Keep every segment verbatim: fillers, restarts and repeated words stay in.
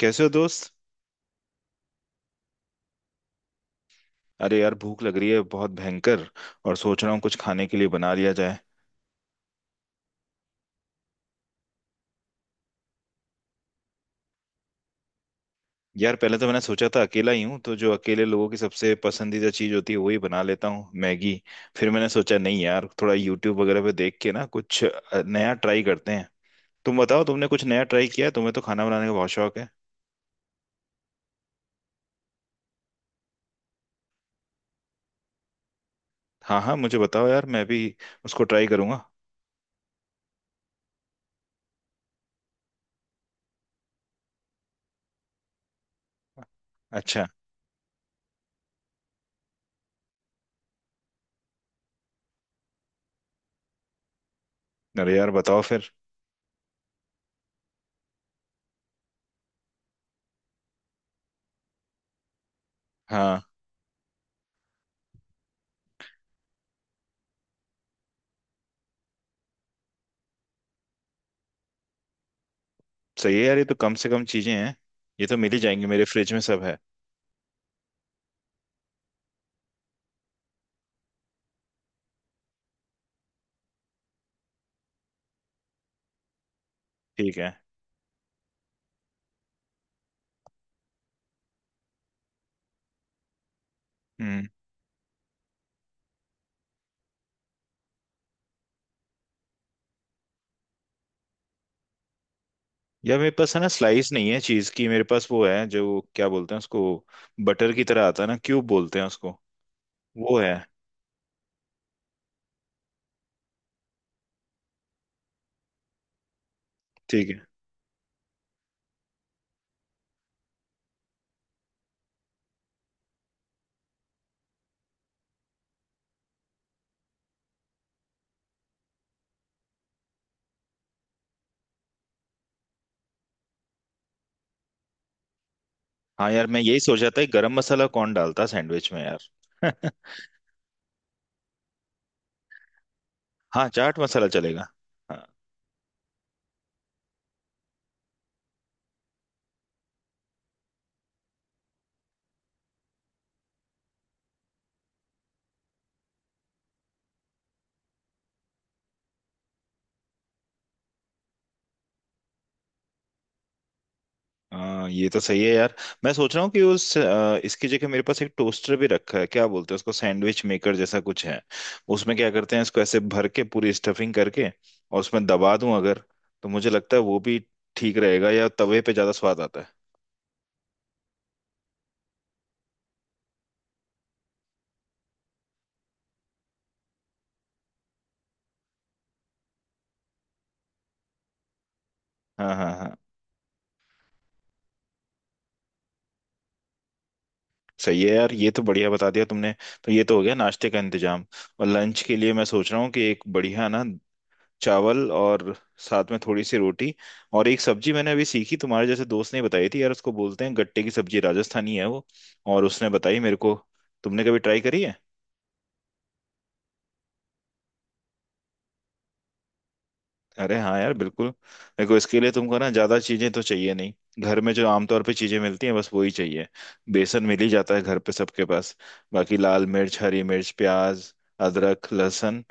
कैसे हो दोस्त? अरे यार, भूख लग रही है बहुत भयंकर। और सोच रहा हूँ कुछ खाने के लिए बना लिया जाए। यार पहले तो मैंने सोचा था अकेला ही हूँ तो जो अकेले लोगों की सबसे पसंदीदा चीज़ होती है वही बना लेता हूँ, मैगी। फिर मैंने सोचा नहीं यार, थोड़ा यूट्यूब वगैरह पे देख के ना कुछ अ, नया ट्राई करते हैं। तुम बताओ, तुमने कुछ नया ट्राई किया है? तुम्हें तो खाना बनाने का बहुत शौक है। हाँ हाँ, मुझे बताओ यार, मैं भी उसको ट्राई करूंगा। अच्छा। अरे यार बताओ फिर। हाँ। सही है यार, ये तो कम से कम चीज़ें हैं। ये तो मिल ही जाएंगी, मेरे फ्रिज में सब है। ठीक है। हम्म। यार मेरे पास है ना, स्लाइस नहीं है चीज की, मेरे पास वो है जो क्या बोलते हैं उसको, बटर की तरह आता है ना, क्यूब बोलते हैं उसको। वो है। ठीक है। हाँ यार, मैं यही सोच रहा था कि गरम मसाला कौन डालता है सैंडविच में यार हाँ, चाट मसाला चलेगा। हाँ हाँ, ये तो सही है यार। मैं सोच रहा हूँ कि उस अ, इसकी जगह मेरे पास एक टोस्टर भी रखा है, क्या बोलते हैं उसको, सैंडविच मेकर जैसा कुछ है। उसमें क्या करते हैं, इसको ऐसे भर के पूरी स्टफिंग करके और उसमें दबा दूं अगर, तो मुझे लगता है वो भी ठीक रहेगा। या तवे पे ज्यादा स्वाद आता है? हाँ हाँ हाँ। सही है यार, ये तो बढ़िया बता दिया तुमने। तो ये तो हो गया नाश्ते का इंतजाम। और लंच के लिए मैं सोच रहा हूँ कि एक बढ़िया ना, चावल और साथ में थोड़ी सी रोटी और एक सब्जी मैंने अभी सीखी, तुम्हारे जैसे दोस्त ने बताई थी यार, उसको बोलते हैं गट्टे की सब्जी, राजस्थानी है वो। और उसने बताई मेरे को। तुमने कभी ट्राई करी है? अरे हाँ यार, बिल्कुल। देखो, इसके लिए तुमको ना ज्यादा चीजें तो चाहिए नहीं। घर में जो आमतौर पे चीजें मिलती हैं बस वही चाहिए। बेसन मिल ही जाता है घर पे सबके पास। बाकी लाल मिर्च, हरी मिर्च, प्याज, अदरक, लहसुन,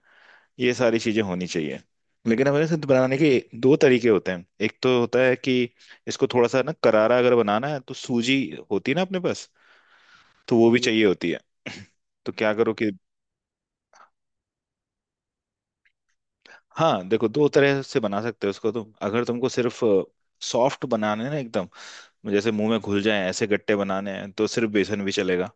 ये सारी चीजें होनी चाहिए। लेकिन हमें इसे बनाने के दो तरीके होते हैं। एक तो होता है कि इसको थोड़ा सा ना करारा अगर बनाना है तो सूजी होती है ना अपने पास, तो वो भी हम्म, चाहिए होती है। तो क्या करो कि, हाँ देखो, दो तरह से बना सकते हो उसको। तुम अगर तुमको सिर्फ सॉफ्ट बनाना है ना एकदम, जैसे मुंह में घुल जाए ऐसे गट्टे बनाने हैं, तो सिर्फ बेसन भी चलेगा।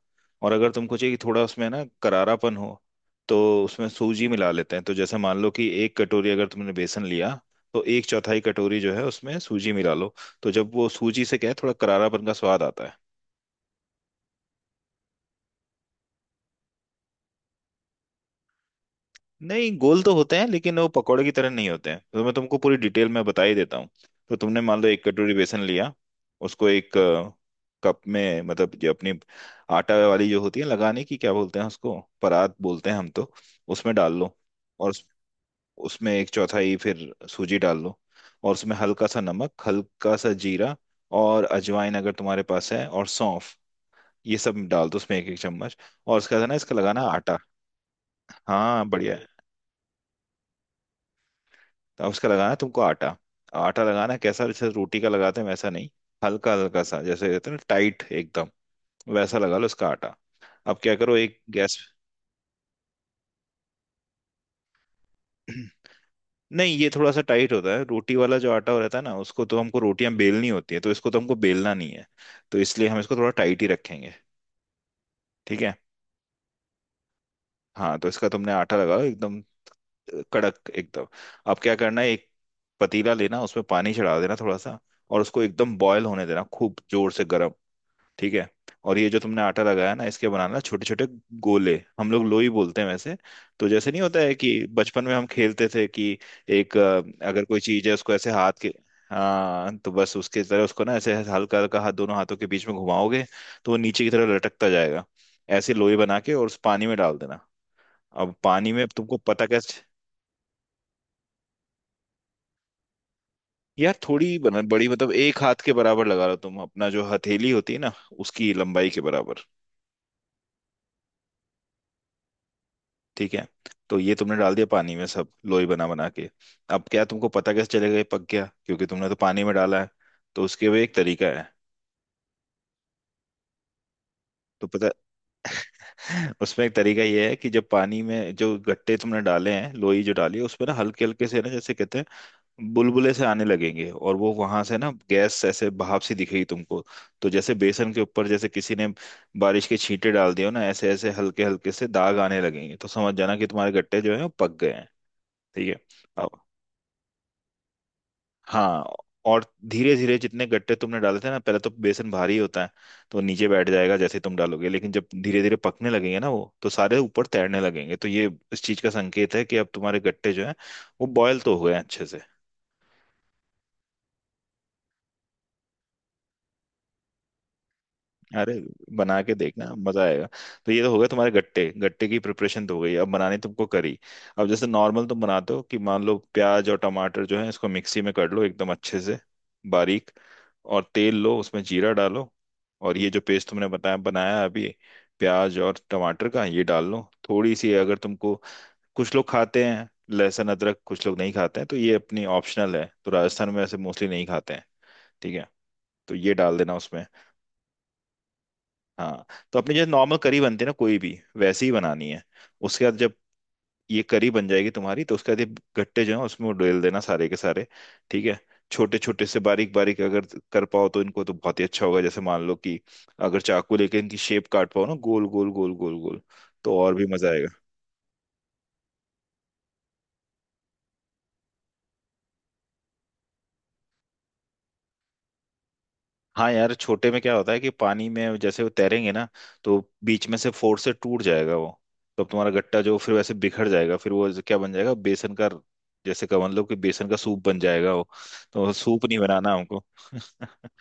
और अगर तुमको चाहिए कि थोड़ा उसमें ना करारापन हो, तो उसमें सूजी मिला लेते हैं। तो जैसे मान लो कि एक कटोरी अगर तुमने बेसन लिया, तो एक चौथाई कटोरी जो है उसमें सूजी मिला लो। तो जब वो सूजी से क्या है, थोड़ा करारापन का स्वाद आता है। नहीं, गोल तो होते हैं लेकिन वो पकौड़े की तरह नहीं होते हैं। तो मैं तुमको पूरी डिटेल में बता ही देता हूँ। तो तुमने मान लो एक कटोरी बेसन लिया, उसको एक अ, कप में, मतलब जो अपनी आटा वाली जो होती है लगाने की, क्या बोलते हैं उसको, परात बोलते हैं हम तो, उसमें डाल लो। और उस- उसमें एक चौथाई फिर सूजी डाल लो। और उसमें हल्का सा नमक, हल्का सा जीरा, और अजवाइन अगर तुम्हारे पास है, और सौंफ, ये सब डाल दो उसमें एक एक चम्मच। और उसके बाद है ना इसका लगाना आटा। हाँ बढ़िया। तो अब उसका लगाना है तुमको आटा। आटा लगाना है कैसा, जैसे रोटी का लगाते हैं वैसा नहीं। हल्का हल्का सा, जैसे कहते हैं ना टाइट एकदम, वैसा लगा लो उसका आटा। अब क्या करो एक गैस। नहीं, ये थोड़ा सा टाइट होता है। रोटी वाला जो आटा रहता है ना, उसको तो हमको रोटियां बेलनी होती है, तो इसको तो हमको बेलना नहीं है, तो इसलिए हम इसको थोड़ा टाइट ही रखेंगे। ठीक है। हाँ, तो इसका तुमने आटा लगाओ एकदम कड़क एकदम। अब क्या करना है, एक पतीला लेना, उसमें पानी चढ़ा देना थोड़ा सा, और उसको एकदम बॉयल होने देना, खूब जोर से गर्म। ठीक है। और ये जो तुमने आटा लगाया ना, इसके बनाना छोटे छोटे गोले, हम लोग लोई बोलते हैं वैसे। तो जैसे नहीं होता है कि बचपन में हम खेलते थे कि एक अ, अगर कोई चीज है उसको ऐसे हाथ के, हाँ तो बस उसके तरह उसको ना ऐसे हल्का हल्का हाथ दोनों हाथों के बीच में घुमाओगे तो वो नीचे की तरफ लटकता जाएगा। ऐसे लोई बना के और उस पानी में डाल देना। अब पानी में तुमको पता कैसे। यार थोड़ी बना बड़ी, मतलब एक हाथ के बराबर लगा लो, तुम अपना जो हथेली होती है ना, उसकी लंबाई के बराबर। ठीक है। तो ये तुमने डाल दिया पानी में सब लोई बना बना के। अब क्या, तुमको पता कैसे चलेगा ये पक गया, क्योंकि तुमने तो पानी में डाला है, तो उसके भी एक तरीका है। तो पता उसमें एक तरीका ये है कि जब पानी में जो गट्टे तुमने डाले हैं, लोई जो डाली है, उसमें ना हल्के हल्के से ना, जैसे कहते हैं बुलबुले से आने लगेंगे, और वो वहां से ना गैस ऐसे भाप सी दिखेगी तुमको। तो जैसे बेसन के ऊपर जैसे किसी ने बारिश के छींटे डाल दिए हो ना, ऐसे ऐसे हल्के हल्के से दाग आने लगेंगे, तो समझ जाना कि तुम्हारे गट्टे जो है वो पक गए हैं। ठीक है। अब हाँ। और धीरे धीरे जितने गट्टे तुमने डाले थे ना, पहले तो बेसन भारी होता है तो वो नीचे बैठ जाएगा जैसे तुम डालोगे, लेकिन जब धीरे धीरे पकने लगेंगे ना वो, तो सारे ऊपर तैरने लगेंगे, तो ये इस चीज का संकेत है कि अब तुम्हारे गट्टे जो हैं वो बॉयल तो हुए हैं अच्छे से। अरे बना के देखना, मजा आएगा। तो ये तो हो गया तुम्हारे गट्टे, गट्टे की प्रिपरेशन तो हो गई, अब बनानी तुमको करी। अब जैसे नॉर्मल तुम बनाते हो, कि मान लो प्याज और टमाटर जो है इसको मिक्सी में कर लो एकदम अच्छे से बारीक, और तेल लो उसमें जीरा डालो, और ये जो पेस्ट तुमने बताया बनाया अभी, प्याज और टमाटर का, ये डाल लो। थोड़ी सी अगर तुमको, कुछ लोग खाते हैं लहसुन अदरक, कुछ लोग नहीं खाते हैं, तो ये अपनी ऑप्शनल है। तो राजस्थान में ऐसे मोस्टली नहीं खाते हैं। ठीक है। तो ये डाल देना उसमें। हाँ। तो अपनी जैसे नॉर्मल करी बनती है ना कोई भी, वैसी ही बनानी है। उसके बाद जब ये करी बन जाएगी तुम्हारी, तो उसके बाद ये गट्टे जो है उसमें वो डाल देना सारे के सारे। ठीक है। छोटे छोटे से बारीक बारीक अगर कर पाओ तो इनको, तो बहुत ही अच्छा होगा। जैसे मान लो कि अगर चाकू लेके इनकी शेप काट पाओ ना, गोल गोल गोल गोल गोल, तो और भी मजा आएगा। हाँ यार, छोटे में क्या होता है कि पानी में जैसे वो तैरेंगे ना, तो बीच में से फोर्स से टूट जाएगा वो। तो अब तुम्हारा गट्टा जो फिर वैसे बिखर जाएगा, फिर वो क्या बन जाएगा, बेसन का, जैसे का मतलब कि बेसन का सूप बन जाएगा वो। तो वो सूप नहीं बनाना हमको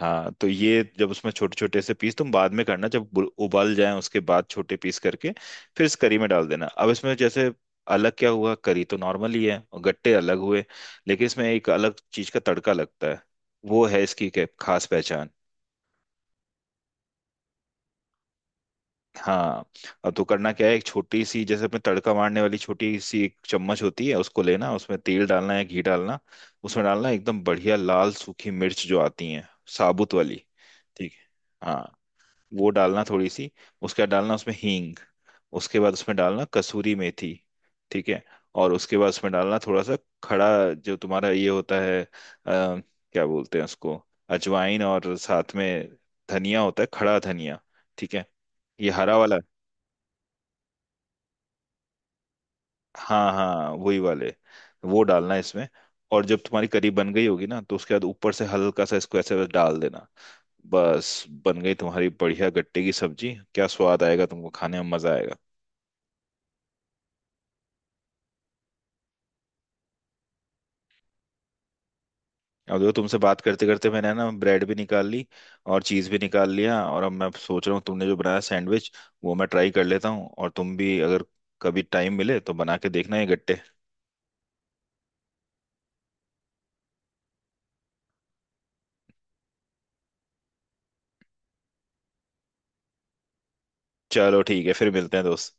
हाँ, तो ये जब उसमें छोटे छोटे से पीस तुम बाद में करना, जब बुल- उबल जाए उसके बाद छोटे पीस करके फिर इस करी में डाल देना। अब इसमें जैसे अलग क्या हुआ, करी तो नॉर्मल ही है और गट्टे अलग हुए, लेकिन इसमें एक अलग चीज का तड़का लगता है, वो है इसकी के- खास पहचान। हाँ, अब तो करना क्या है, एक छोटी सी जैसे अपने तड़का मारने वाली छोटी सी एक चम्मच होती है, उसको लेना, उसमें तेल डालना है, घी डालना। उसमें डालना एकदम बढ़िया लाल सूखी मिर्च जो आती है, साबुत वाली। ठीक है। हाँ। वो डालना थोड़ी सी। उसके बाद डालना उसमें हींग। उसके बाद उसमें डालना कसूरी मेथी। ठीक है। और उसके बाद उसमें डालना थोड़ा सा खड़ा, जो तुम्हारा ये होता है अ, क्या बोलते हैं उसको, अजवाइन, और साथ में धनिया होता है, खड़ा धनिया। ठीक है। ये हरा वाला। हाँ हाँ वही वाले। वो डालना है इसमें। और जब तुम्हारी करी बन गई होगी ना, तो उसके बाद ऊपर से हल्का सा इसको ऐसे बस डाल देना। बस, बन गई तुम्हारी बढ़िया गट्टे की सब्जी, क्या स्वाद आएगा तुमको, खाने में मजा आएगा। अब देखो, तुमसे बात करते करते मैंने ना ब्रेड भी निकाल ली, और चीज भी निकाल लिया, और अब मैं सोच रहा हूँ तुमने जो बनाया सैंडविच वो मैं ट्राई कर लेता हूँ। और तुम भी अगर कभी टाइम मिले तो बना के देखना ये गट्टे। चलो ठीक है, फिर मिलते हैं दोस्त।